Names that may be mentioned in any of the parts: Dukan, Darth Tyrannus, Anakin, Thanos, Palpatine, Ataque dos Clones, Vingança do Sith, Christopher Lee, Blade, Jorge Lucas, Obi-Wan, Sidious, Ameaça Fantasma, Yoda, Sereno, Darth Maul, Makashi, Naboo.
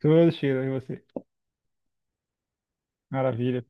Todo cheiro em você. Maravilha.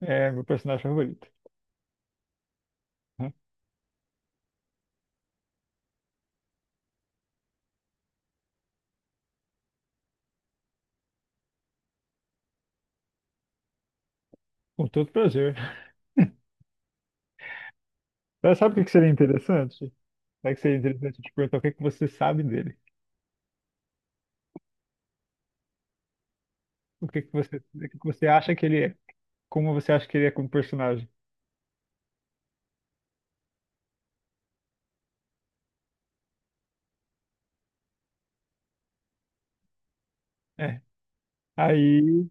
É meu personagem favorito. Né? Com todo prazer. Mas sabe o que que seria interessante? Sabe o que seria interessante te perguntar o que que você sabe dele? O que que você acha que ele é? Como você acha que ele é como personagem? É. Aí,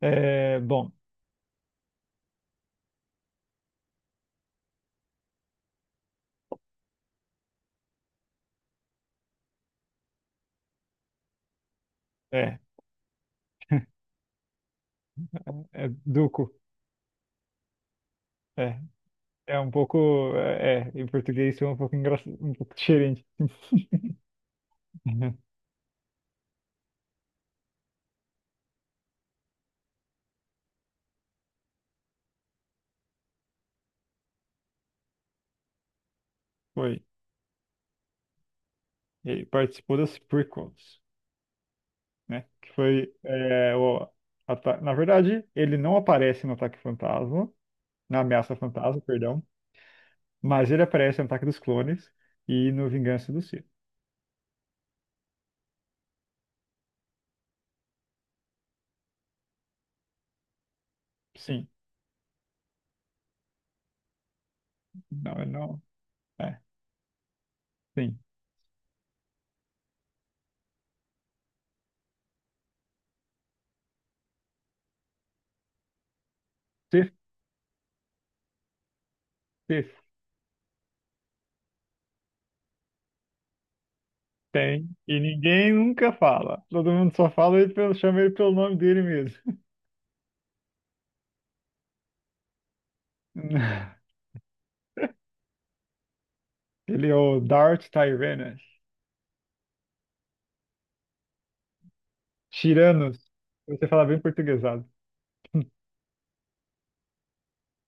bom, é, é Duco. É, é um pouco, em português isso é um pouco engraçado, um pouco diferente. Foi. Ele participou das prequels. Né? Que foi é, o ata- Na verdade, ele não aparece no Ataque Fantasma, na Ameaça Fantasma, perdão, mas ele aparece no Ataque dos Clones e no Vingança do Sith. Sim. Não, ele não. É, sim. Sith, Sith. Tem. E ninguém nunca fala. Todo mundo só fala ele chama ele pelo nome dele mesmo. Ele é o Darth Tyrannus. Tiranos. Você fala bem portuguesado.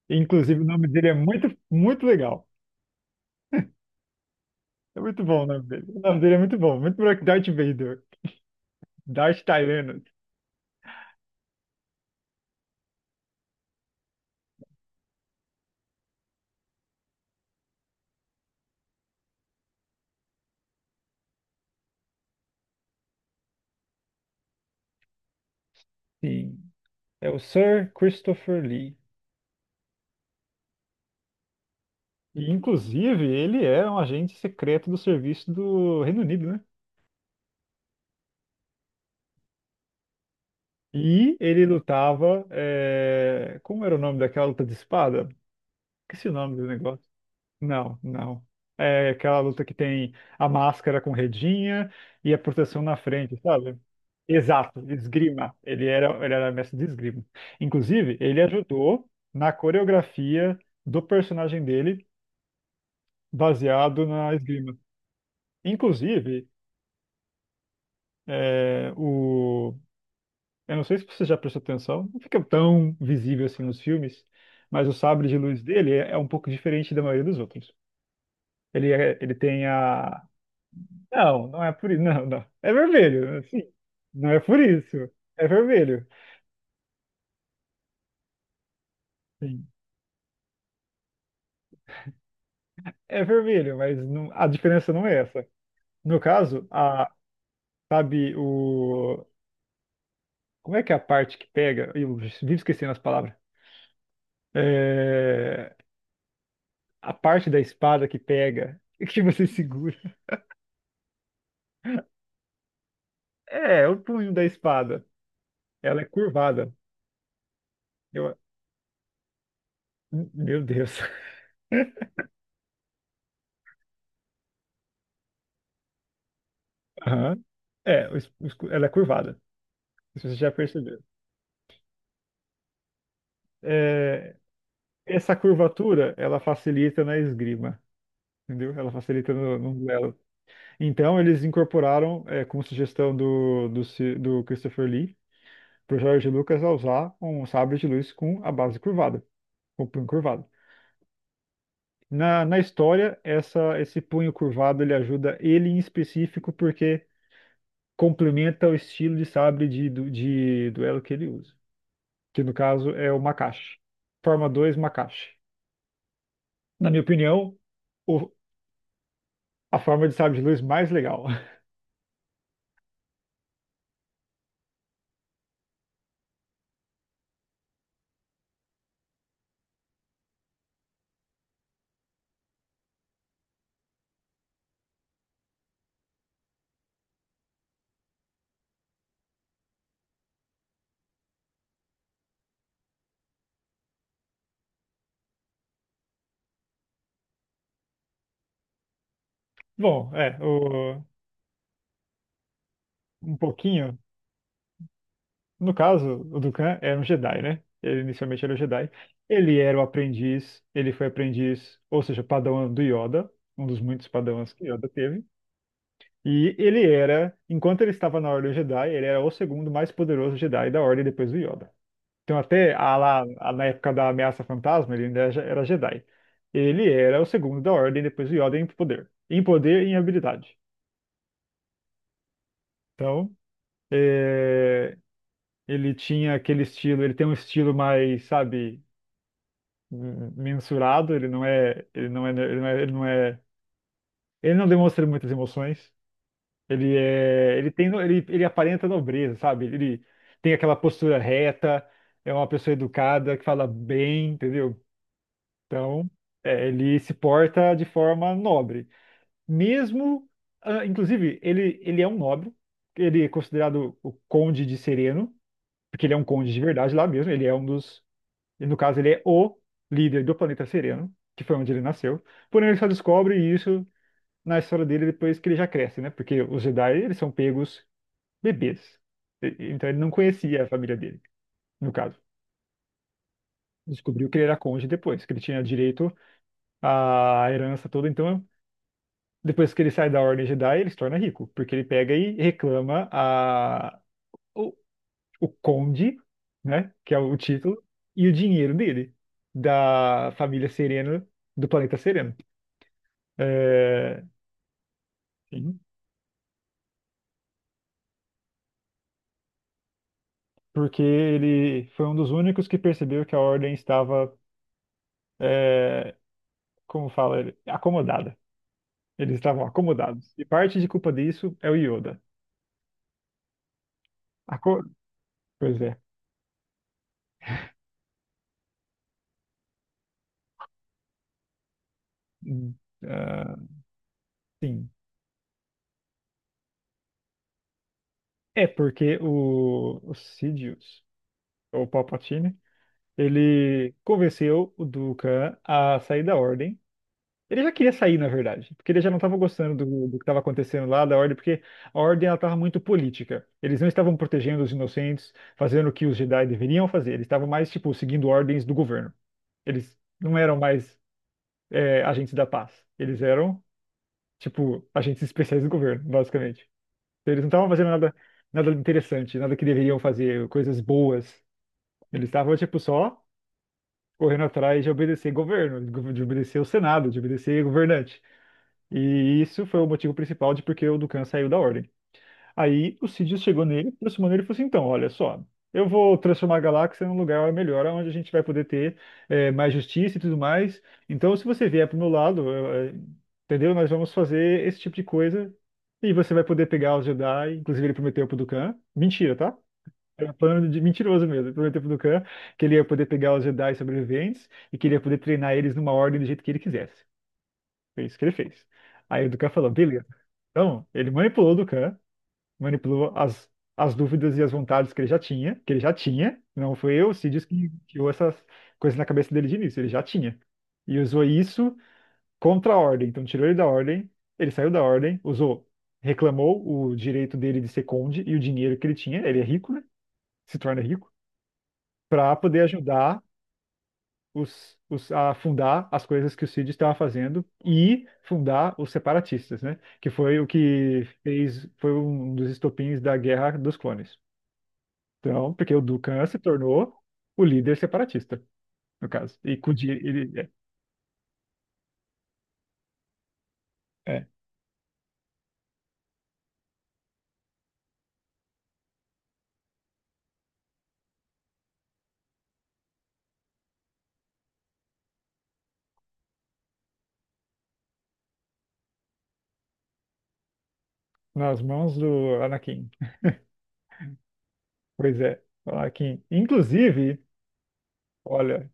Inclusive, o nome dele é muito, muito legal. É muito bom o nome dele. O nome dele é muito bom. Muito melhor que Darth Vader. Darth Tyrannus. Sim. É o Sir Christopher Lee. E, inclusive, ele é um agente secreto do serviço do Reino Unido, né? E ele lutava. Como era o nome daquela luta de espada? Esqueci o nome do negócio. Não, não. É aquela luta que tem a máscara com redinha e a proteção na frente, sabe? Exato, esgrima. Ele era mestre de esgrima. Inclusive, ele ajudou na coreografia do personagem dele, baseado na esgrima. Inclusive, é, o... eu não sei se você já prestou atenção, não fica tão visível assim nos filmes, mas o sabre de luz dele é um pouco diferente da maioria dos outros. Ele tem a. Não, não é por isso. Não, não. É vermelho, sim. Não é por isso. É vermelho. Sim. É vermelho, mas a diferença não é essa. No caso, sabe, o. Como é que é a parte que pega? Eu vivo esquecendo as palavras. É, a parte da espada que pega, que você segura. É, o punho da espada. Ela é curvada. Eu- Meu Deus. Aham. É, o es- o escu- Ela é curvada. Se você já percebeu. É, Essa curvatura, ela facilita na esgrima, entendeu? Ela facilita no duelo. Então, eles incorporaram, com sugestão do Christopher Lee, para o Jorge Lucas a usar um sabre de luz com a base curvada, com o punho curvado. Na história, esse punho curvado, ele ajuda ele em específico porque complementa o estilo de sabre de duelo que ele usa, que no caso é o Makashi. Forma 2 Makashi. Na minha opinião, o- a forma de sabre de luz mais legal. Bom, um pouquinho. No caso, o Dukan era um Jedi, né? Ele inicialmente era um Jedi. Ele era o aprendiz, ele foi aprendiz, ou seja, padawan do Yoda, um dos muitos padawans que Yoda teve. E ele era, enquanto ele estava na Ordem Jedi, ele era o segundo mais poderoso Jedi da Ordem depois do Yoda. Então, até na época da Ameaça Fantasma, ele ainda era Jedi. Ele era o segundo da Ordem depois do Yoda em poder, e em habilidade. Então. é, Ele tinha aquele estilo, ele tem um estilo mais, sabe, mensurado, ele não demonstra muitas emoções. Ele é, ele tem, no- ele aparenta nobreza, sabe? Ele tem aquela postura reta, é uma pessoa educada, que fala bem, entendeu? Então, ele se porta de forma nobre. Mesmo, inclusive, ele é um nobre, ele é considerado o conde de Sereno, porque ele é um conde de verdade lá mesmo, ele é um dos. E no caso, ele é o líder do planeta Sereno, que foi onde ele nasceu. Porém, ele só descobre isso na história dele depois que ele já cresce, né? Porque os Jedi, eles são pegos bebês. Então, ele não conhecia a família dele, no caso. Descobriu que ele era cônjuge depois, que ele tinha direito à herança toda. Então, depois que ele sai da Ordem Jedi, ele se torna rico, porque ele pega e reclama o, o conde, né? Que é o título, e o dinheiro dele, da família Sereno, do planeta Sereno. É, sim, porque ele foi um dos únicos que percebeu que a ordem estava, é, como fala ele, acomodada. Eles estavam acomodados. E parte de culpa disso é o Yoda. Aco- Pois é. Hum, ah, sim. É porque o Sidious, ou Palpatine, ele convenceu o Dukan a sair da ordem. Ele já queria sair, na verdade, porque ele já não estava gostando do que estava acontecendo lá, da Ordem, porque a Ordem ela estava muito política. Eles não estavam protegendo os inocentes, fazendo o que os Jedi deveriam fazer. Eles estavam mais, tipo, seguindo ordens do governo. Eles não eram mais agentes da paz. Eles eram, tipo, agentes especiais do governo, basicamente. Então, eles não estavam fazendo nada, nada interessante, nada que deveriam fazer, coisas boas. Eles estavam, tipo, só correndo atrás de obedecer governo, de obedecer o Senado, de obedecer governante. E isso foi o motivo principal de porque o Dukan saiu da Ordem. Aí o Sidious chegou nele, aproximou nele e falou assim: então, olha só, eu vou transformar a galáxia num lugar melhor, onde a gente vai poder ter mais justiça e tudo mais. Então, se você vier pro meu lado, entendeu? Nós vamos fazer esse tipo de coisa e você vai poder pegar os Jedi. Inclusive, ele prometeu pro Dukan. Mentira, tá? Era um plano de mentiroso mesmo. Ele prometeu pro Dukan que ele ia poder pegar os Jedi sobreviventes e que ele ia poder treinar eles numa ordem do jeito que ele quisesse. Foi isso que ele fez. Aí o Dukan falou, beleza. Então, ele manipulou o Dukan, manipulou as dúvidas e as vontades que ele já tinha, que ele já tinha. Não foi eu, o Sidious, que tirou essas coisas na cabeça dele de início, ele já tinha. E usou isso contra a ordem. Então, tirou ele da ordem, ele saiu da ordem, usou, reclamou o direito dele de ser conde e o dinheiro que ele tinha, ele é rico, né? Se torna rico, para poder ajudar a fundar as coisas que o Cid estava fazendo e fundar os separatistas, né? Que foi o que fez, foi um dos estopins da Guerra dos Clones. Então, porque o Dukan se tornou o líder separatista, no caso. Ele é, é, nas mãos do Anakin. Pois é, o Anakin. Inclusive, olha,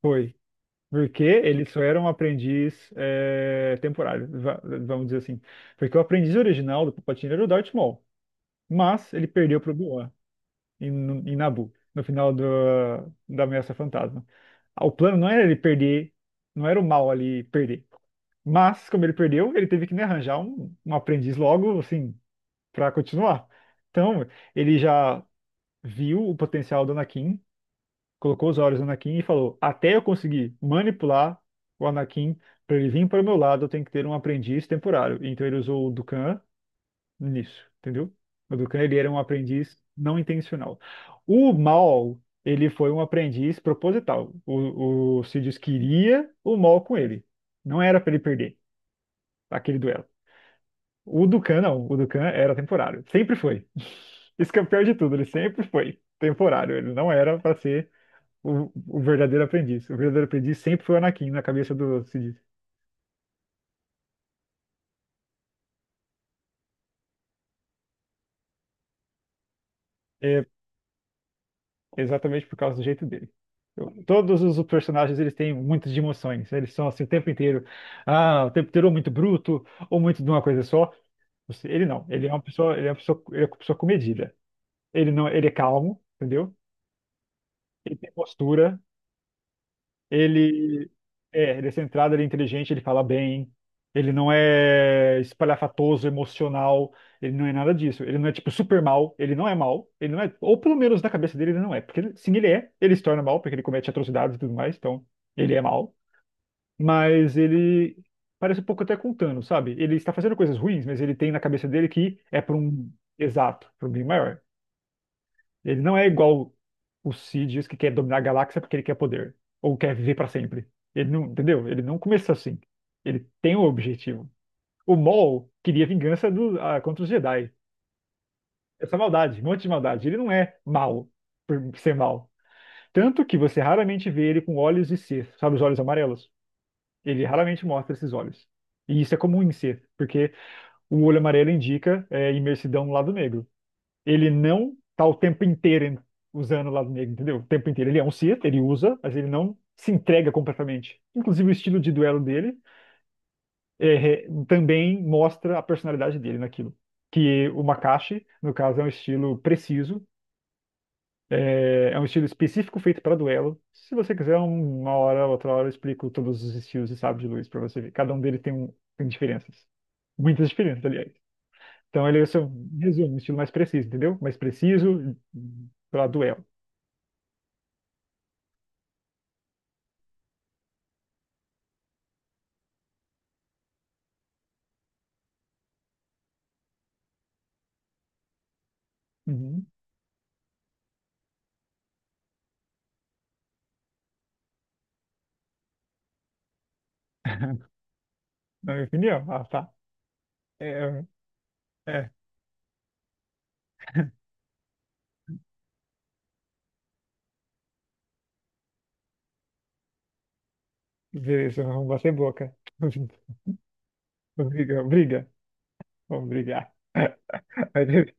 foi. Porque ele só era um aprendiz temporário, vamos dizer assim. Porque o aprendiz original do Palpatine era o Darth Maul. Mas ele perdeu para o Obi-Wan em Naboo, no final da Ameaça Fantasma. Ah, o plano não era ele perder, não era o mal ali perder. Mas, como ele perdeu, ele teve que, né, arranjar um, um aprendiz logo, assim, para continuar. Então, ele já viu o potencial do Anakin, colocou os olhos no Anakin e falou: Até eu conseguir manipular o Anakin para ele vir para o meu lado, eu tenho que ter um aprendiz temporário. Então, ele usou o Dukan nisso, entendeu? O Dukan, ele era um aprendiz não intencional. O Mal, ele foi um aprendiz proposital. O Sidious queria o Mal com ele. Não era para ele perder aquele duelo. O Dukan, não. O Dukan era temporário. Sempre foi. Isso que é o pior de tudo, ele sempre foi temporário. Ele não era para ser o verdadeiro aprendiz. O verdadeiro aprendiz sempre foi o Anakin na cabeça do Sidious. Exatamente por causa do jeito dele. Todos os personagens eles têm muitas de emoções. Eles são assim o tempo inteiro. Ah, o tempo inteiro ou muito bruto ou muito de uma coisa só. Ele não. Ele é uma pessoa comedida. Ele não. Ele é calmo, entendeu? Ele tem postura. Ele ele é centrado, ele é inteligente, ele fala bem. Ele não é espalhafatoso, emocional. Ele não é nada disso. Ele não é tipo super mal. Ele não é mal. Ele não é, ou pelo menos na cabeça dele ele não é, porque sim, ele é. Ele se torna mal porque ele comete atrocidades e tudo mais. Então ele é mal. Mas ele parece um pouco até com o Thanos, sabe? Ele está fazendo coisas ruins, mas ele tem na cabeça dele que é para um, exato, para um bem maior. Ele não é igual o Sidious que quer dominar a galáxia porque ele quer poder ou quer viver pra sempre. Ele não, entendeu? Ele não começou assim. Ele tem um objetivo. O Maul queria vingança ah, contra os Jedi. Essa maldade, um monte de maldade. Ele não é mau por ser mau. Tanto que você raramente vê ele com olhos de Sith, sabe, os olhos amarelos. Ele raramente mostra esses olhos. E isso é comum em Sith, porque o olho amarelo indica imersidão no lado negro. Ele não tá o tempo inteiro usando o lado negro, entendeu? O tempo inteiro. Ele é um Sith, ele usa, mas ele não se entrega completamente. Inclusive, o estilo de duelo dele também mostra a personalidade dele naquilo. Que o Makashi, no caso, é um estilo preciso, é um estilo específico feito para duelo. Se você quiser, uma hora, outra hora, eu explico todos os estilos e sabres de luz para você ver. Cada um deles tem diferenças. Muitas diferenças, aliás. Então, ele é o seu resumo, um estilo mais preciso, entendeu? Mais preciso para duelo. Uhum. Na minha opinião, ah, tá. É, é. Beleza, vamos bater boca. Briga, briga. Vamos brigar. Mas beleza.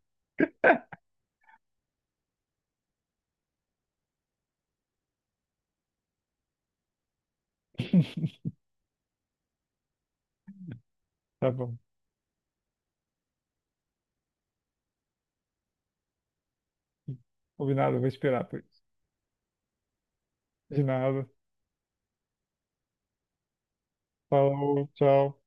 Tá bom. Combinado, vou esperar por isso. De nada. Falou, tchau.